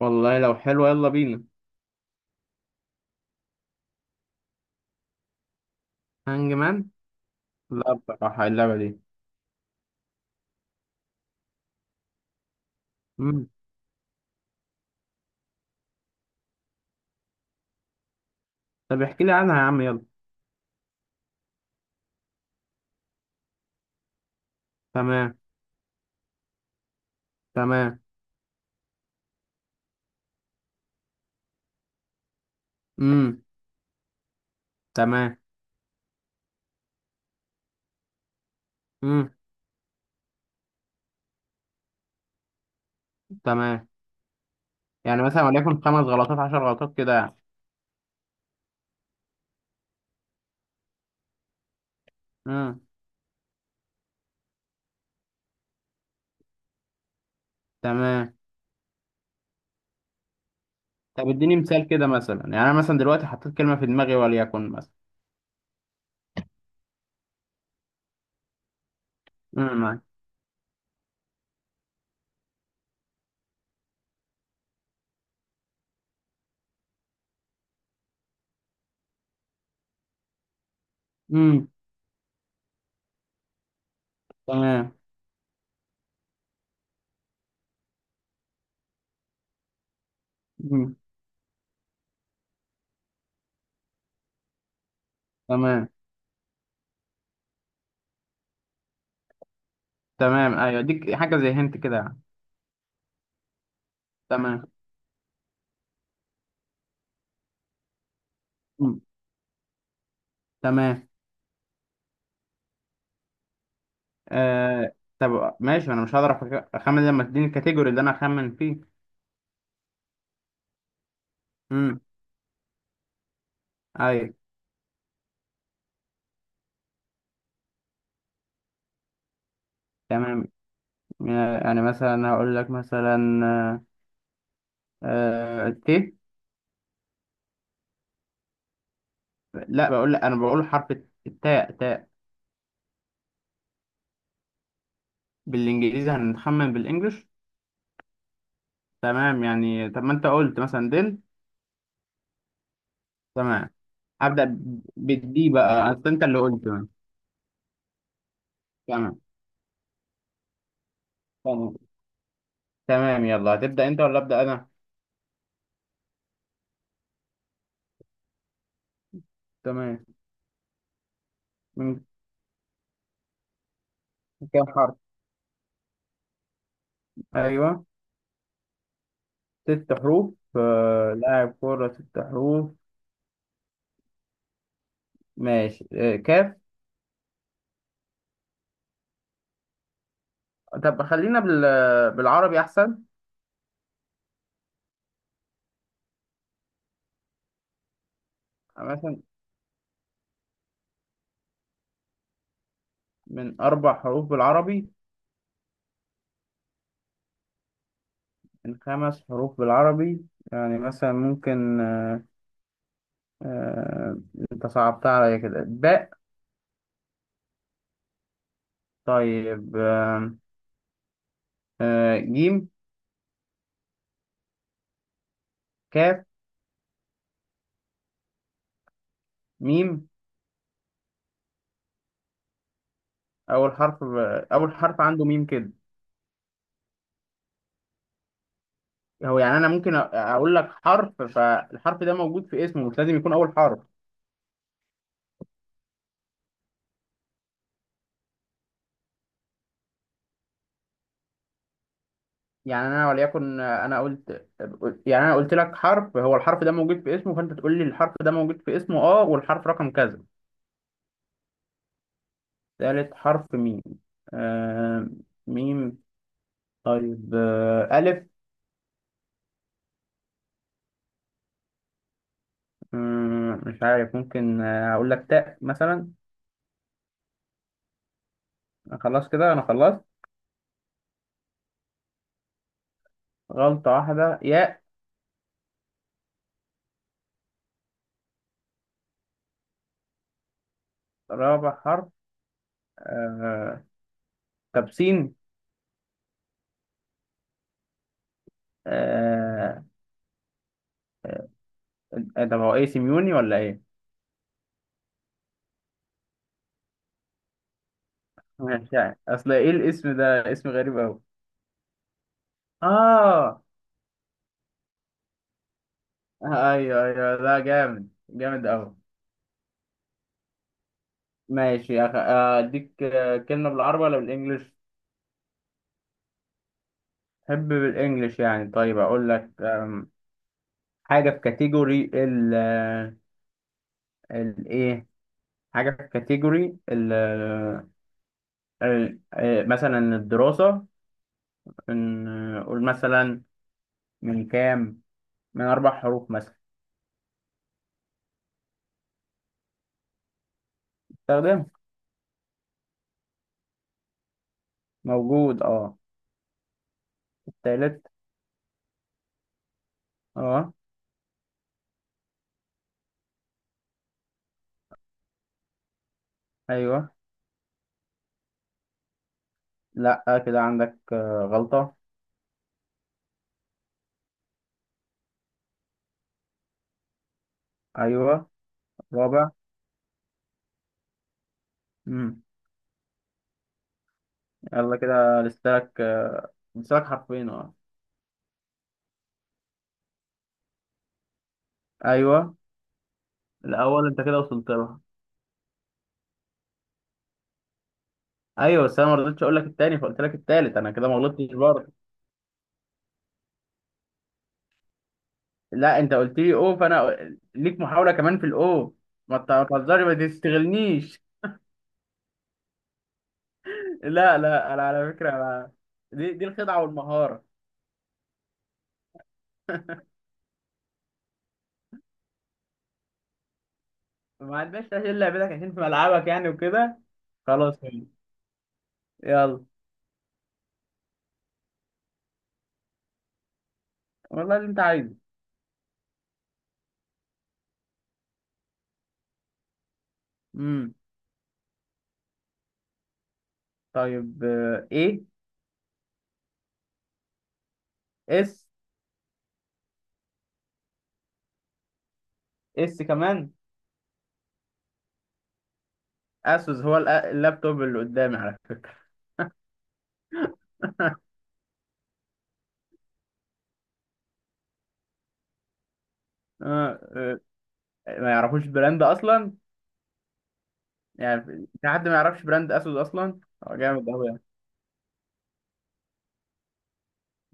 والله لو حلوة يلا بينا. هانج مان. لا، بصراحة اللعبة دي. مم. طب احكي لي عنها يا عم يلا. تمام، تمام. مم. تمام. مم. تمام، يعني مثلا وليكن 5 غلطات 10 غلطات كده يعني. مم. تمام. طب اديني مثال كده، مثلا يعني انا مثلا دلوقتي حطيت كلمة في دماغي وليكن مثلا. مم. معاك. مم. تمام. مم. تمام، تمام، ايوه اديك حاجة زي هنت كده يعني. تمام. مم. تمام. طب ماشي انا مش هقدر اخمن لما تديني الكاتيجوري اللي انا اخمن فيه. مم. أي. تمام. يعني مثلا هقول لك مثلا آه، آه، ت لا، بقول لك أنا بقول حرف. التاء تاء. بالإنجليزي هنخمن بالإنجلش. تمام، يعني طب ما أنت قلت مثلا دل. تمام. هبدأ بالدي بقى، أصل أنت اللي قلت تمام. تمام. تمام. تمام، يلا هتبدأ أنت ولا أبدأ أنا؟ تمام. من كام حرف؟ أيوه. 6 حروف. لاعب كورة 6 حروف. ماشي، كاف. طب خلينا بالعربي أحسن. مثلا. من 4 حروف بالعربي. من 5 حروف بالعربي. يعني مثلا ممكن آه أنت صعبتها عليا كده، باء. طيب، جيم. كاف. ميم. أول حرف. أول حرف عنده ميم كده. هو يعني أنا ممكن أقول لك حرف، فالحرف ده موجود في اسمه، مش لازم يكون أول حرف. يعني أنا وليكن، أنا قلت. يعني أنا قلت لك حرف، هو الحرف ده موجود في اسمه، فأنت تقول لي الحرف ده موجود في اسمه، والحرف رقم كذا. ثالث حرف ميم. آه. ميم. طيب، ألف. مش عارف ممكن أقول لك تاء مثلا. خلاص كده أنا خلصت. غلطة واحدة، ياء. رابع حرف. آه. طب سين. آه. طب هو إيه، سيميوني ولا إيه؟ مش عارف، أصل إيه الاسم ده، اسم غريب أوي. آه. أيوه، أيوه، ده جامد جامد أوي. ماشي يا أخي، أديك كلمة بالعربي ولا بالإنجلش؟ حب بالانجلش يعني، طيب اقول لك. حاجه في كاتيجوري ال، الايه، حاجه في كاتيجوري ال، مثلا الدراسه. قول مثلا. من كام؟ من 4 حروف مثلا. استخدمه. موجود، اه. تالت. اه. ايوه. لا، كده عندك غلطه. ايوه. رابع. امم. يلا كده لسه لك حرفين، اه. ايوه. الاول، انت كده وصلت له. ايوه، بس انا ما رضيتش اقول لك التاني، فقلت لك التالت، انا كده ما غلطتش برضه. لا، انت قلت لي او، فانا ليك محاوله كمان في الاو. ما تهزري، ما تستغلنيش. لا، لا، انا على فكره، دي الخدعه والمهاره. ما عندناش تسهيل لعبتك عشان في ملعبك، يعني وكده. خلاص. يلا. والله اللي انت عايزه. امم. طيب، ايه. اس. اس كمان. اسوس، هو اللابتوب اللي قدامي على فكره. آه، آه، ما يعرفوش البراند اصلا يعني. في حد ما يعرفش براند اسود اصلا. هو جامد قوي يعني.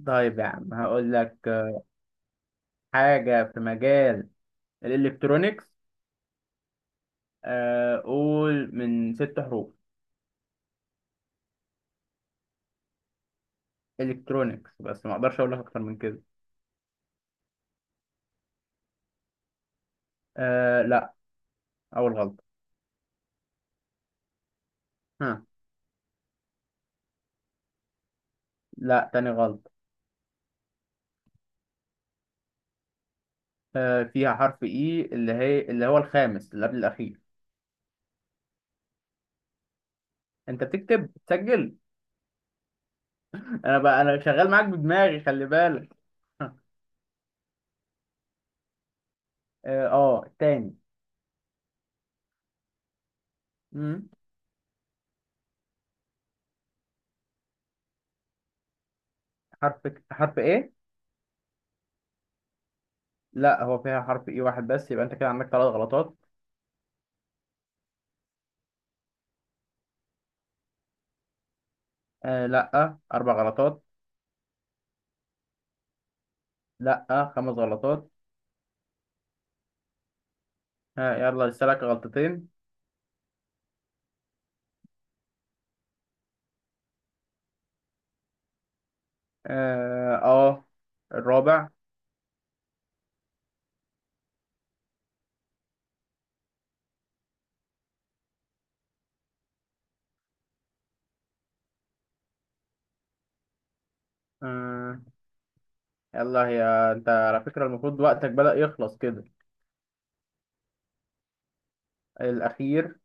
طيب يا عم هقول لك، حاجه في مجال الالكترونيكس. قول من 6 حروف. الكترونيكس بس ما اقدرش اقول لك اكتر من كده. لا، اول غلطه. ها. لا، تاني غلطه. فيها حرف اي، اللي هو الخامس، اللي قبل الاخير. انت بتكتب، بتسجل؟ انا بقى شغال معاك بدماغي، خلي بالك. تاني. مم. حرف حرف ايه؟ لا، هو فيها حرف اي واحد بس، يبقى انت كده عندك 3 غلطات. لا، 4 غلطات. لا، 5 غلطات. يلا لسه لك غلطتين. اه آه، الرابع. آه يلا هي. انت على فكرة المفروض وقتك بدأ يخلص كده. الاخير.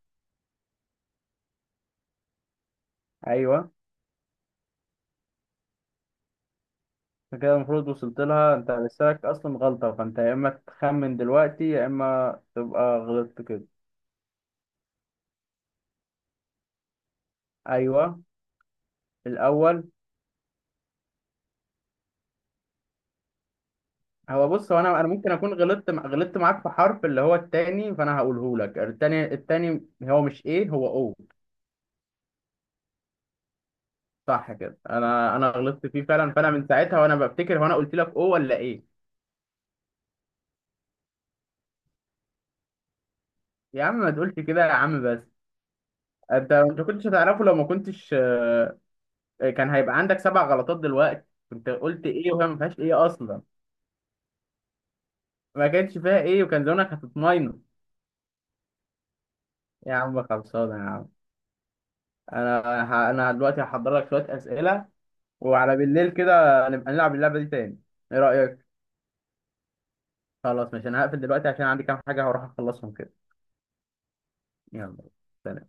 ايوه. أنت كده المفروض وصلت لها، انت لسه لك اصلا غلطة، فانت يا اما تخمن دلوقتي يا اما تبقى غلطت كده. ايوه. الاول. بص انا ممكن اكون غلطت معاك في حرف، اللي هو التاني، فانا هقوله لك، التاني هو مش ايه، هو او. صح كده، انا غلطت فيه فعلا، فانا من ساعتها وانا بفتكر هو انا قلت لك او ولا ايه. يا عم ما تقولش كده يا عم بس. انت كنتش هتعرفه، لو ما كنتش، كان هيبقى عندك 7 غلطات دلوقتي. كنت قلت ايه وهي ما فيهاش ايه اصلا. ما كانش فيها ايه، وكان زمانك هتطمنه. يا عم خلصانه يا عم. انا انا دلوقتي هحضر لك شويه اسئله، وعلى بالليل كده نبقى نلعب اللعبة دي تاني، ايه رأيك؟ خلاص، ماشي، انا هقفل دلوقتي عشان عندي كام حاجة هروح اخلصهم كده. يلا. سلام.